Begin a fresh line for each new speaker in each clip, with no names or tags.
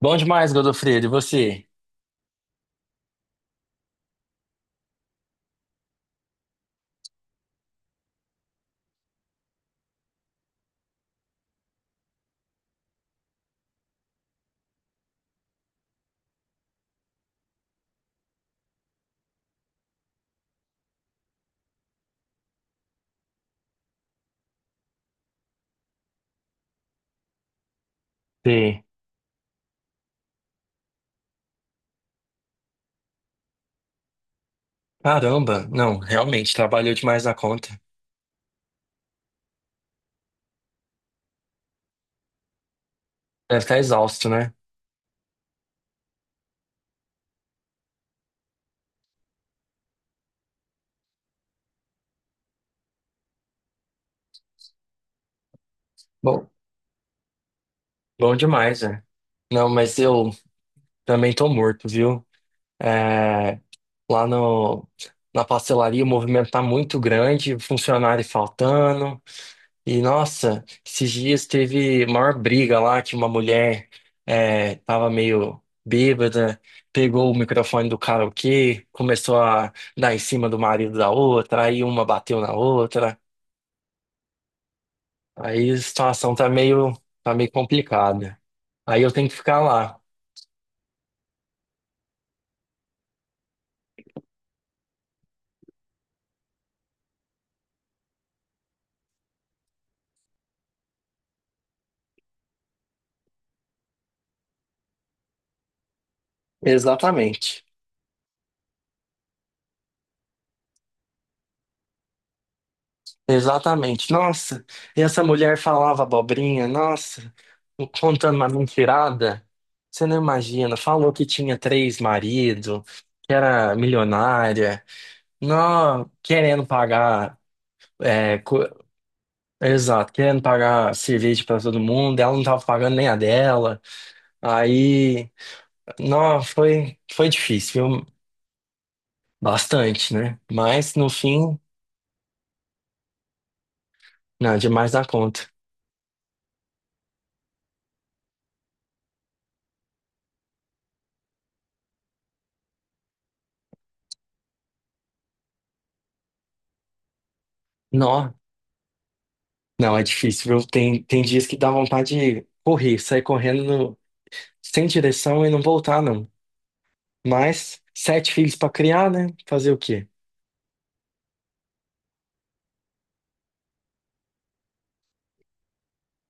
Bom demais, Godofredo, e você? Sim. Caramba, não, realmente, trabalhou demais na conta. Deve estar exausto, né? Bom, bom demais, né? Não, mas eu também tô morto, viu? É, lá no, na pastelaria o movimento tá muito grande, funcionário faltando. E nossa, esses dias teve maior briga lá que uma mulher tava meio bêbada, pegou o microfone do karaokê, começou a dar em cima do marido da outra, aí uma bateu na outra. Aí a situação tá meio complicada. Aí eu tenho que ficar lá. Exatamente. Exatamente. Nossa, e essa mulher falava abobrinha, nossa, contando uma mentirada. Você não imagina, falou que tinha três maridos, que era milionária, não, querendo pagar, é, co- exato, querendo pagar cerveja para todo mundo, ela não tava pagando nem a dela. Aí, não, foi difícil, viu? Bastante, né? Mas no fim, não, demais da conta. Não, não, é difícil, viu? Tem dias que dá vontade de correr, sair correndo sem direção e não voltar, não. Mas sete filhos pra criar, né? Fazer o quê?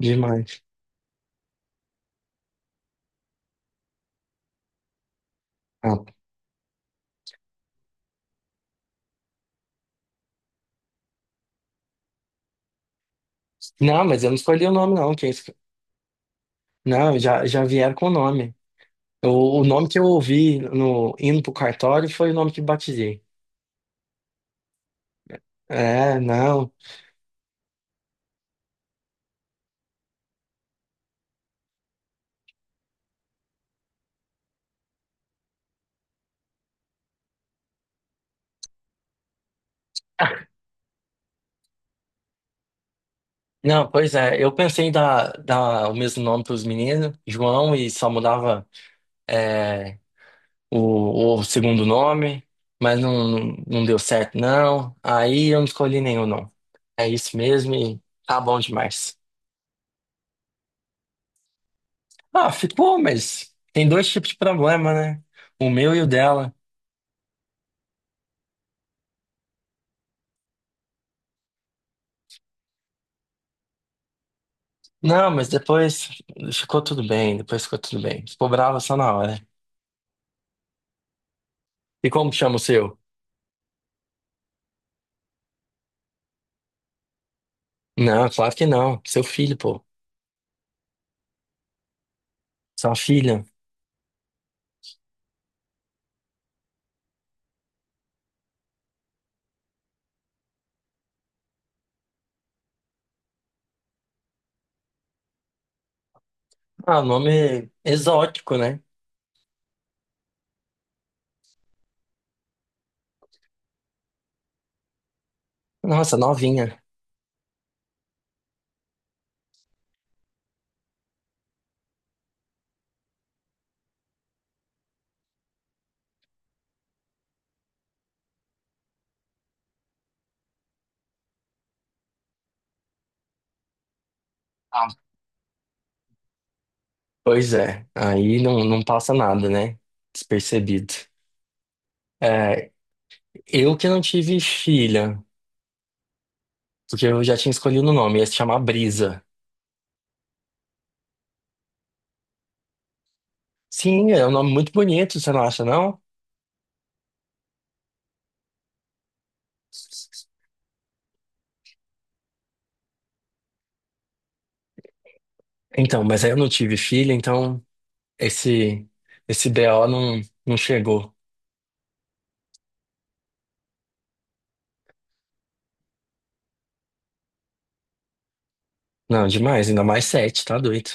Demais. Ah, não, mas eu não escolhi o nome, não. Não, já vieram com o nome. O nome que eu ouvi no indo pro cartório foi o nome que batizei. É, não. Não, pois é. Eu pensei em dar o mesmo nome pros meninos, João, e só mudava. é, o segundo nome, mas não, não deu certo, não. Aí eu não escolhi nenhum, não. É isso mesmo e tá bom demais. Ah, ficou, mas tem dois tipos de problema, né? O meu e o dela. Não, mas depois ficou tudo bem, depois ficou tudo bem. Ficou brava só na hora. E como chama o seu? Não, claro que não. Seu filho, pô. Sua filha. Ah, nome exótico, né? Nossa, novinha. Ah, pois é. Aí não, não passa nada, né? Despercebido. É, eu que não tive filha, porque eu já tinha escolhido o nome, ia se chamar Brisa. Sim, é um nome muito bonito, você não acha, não? Então, mas aí eu não tive filha, então esse esse BO não, não chegou. Não, demais, ainda mais sete, tá doido.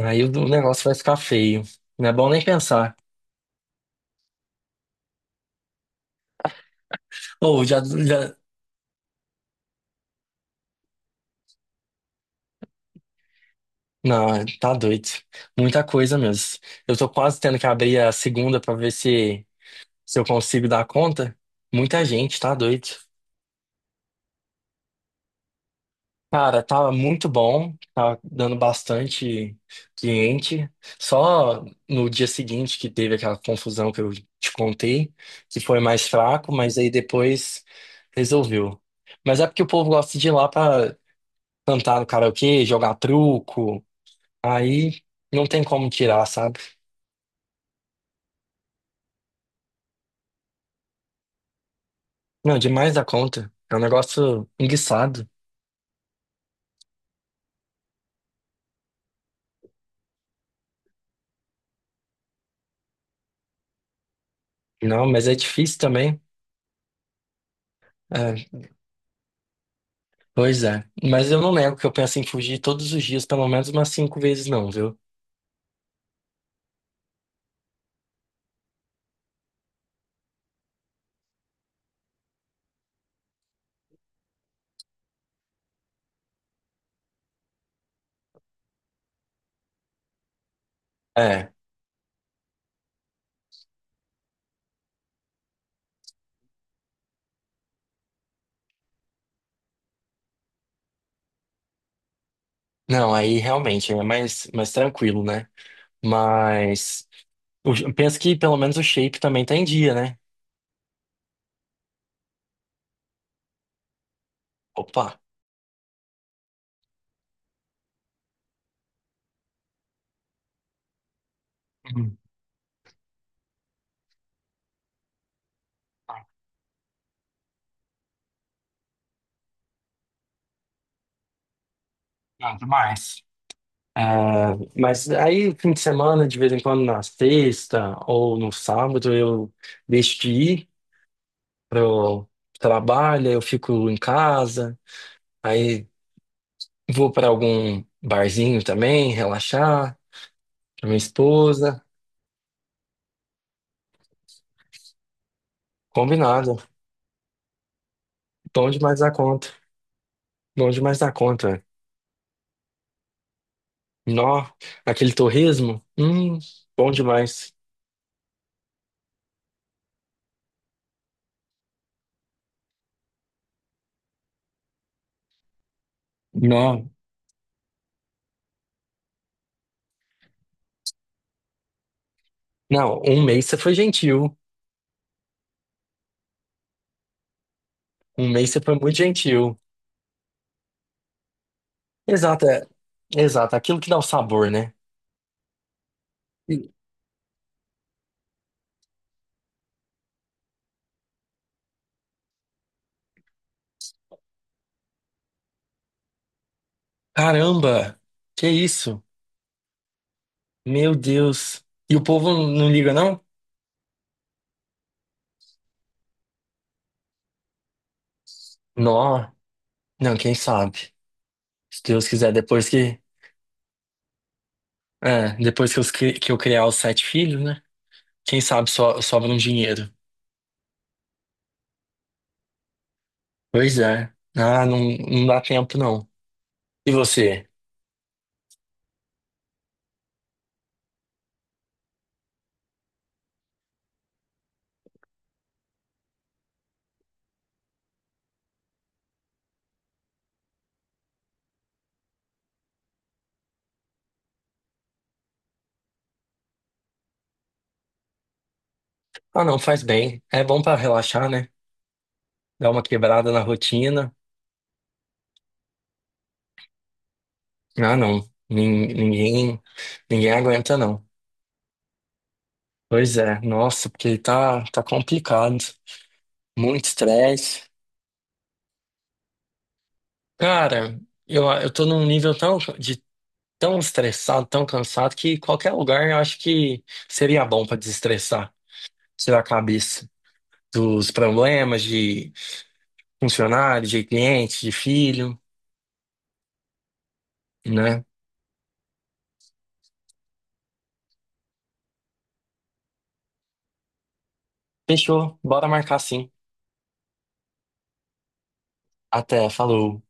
Aí o negócio vai ficar feio. Não é bom nem pensar. Ou já, já. Não, tá doido. Muita coisa mesmo. Eu tô quase tendo que abrir a segunda pra ver se eu consigo dar conta. Muita gente, tá doido. Cara, tava muito bom, tava dando bastante cliente. Só no dia seguinte que teve aquela confusão que eu te contei, que foi mais fraco, mas aí depois resolveu. Mas é porque o povo gosta de ir lá pra cantar no karaokê, jogar truco, aí não tem como tirar, sabe? Não, demais da conta. É um negócio enguiçado. Não, mas é difícil também. É, pois é. Mas eu não nego que eu penso em fugir todos os dias, pelo menos umas cinco vezes, não, viu? É, não, aí realmente é mais, tranquilo, né? Mas penso que pelo menos o shape também tá em dia, né? Opa! Uhum. Não, demais. É, mas aí, fim de semana, de vez em quando, na sexta ou no sábado, eu deixo de ir pro trabalho, eu fico em casa, aí vou para algum barzinho também, relaxar, com minha esposa. Combinado. Bom demais da conta. Bom demais da conta. É. Nó, aquele torresmo? Bom demais. Nó. Não, um mês você foi gentil. Um mês você foi muito gentil. Exato, é. Exato, aquilo que dá o sabor, né? E- Caramba, que isso? Meu Deus. E o povo não liga, não? Nó, não, quem sabe? Se Deus quiser, depois que que eu criar os sete filhos, né? Quem sabe sobra um dinheiro. Pois é. Ah, não, não dá tempo, não. E você? Ah, não, faz bem. É bom pra relaxar, né? Dar uma quebrada na rotina. Ah, não. Nin- Ninguém, ninguém aguenta, não. Pois é, nossa, porque tá complicado. Muito estresse. Cara, eu tô num nível de tão estressado, tão cansado, que qualquer lugar eu acho que seria bom pra desestressar, tirar a cabeça dos problemas de funcionário, de cliente, de filho, né? Fechou, bora marcar sim. Até, falou.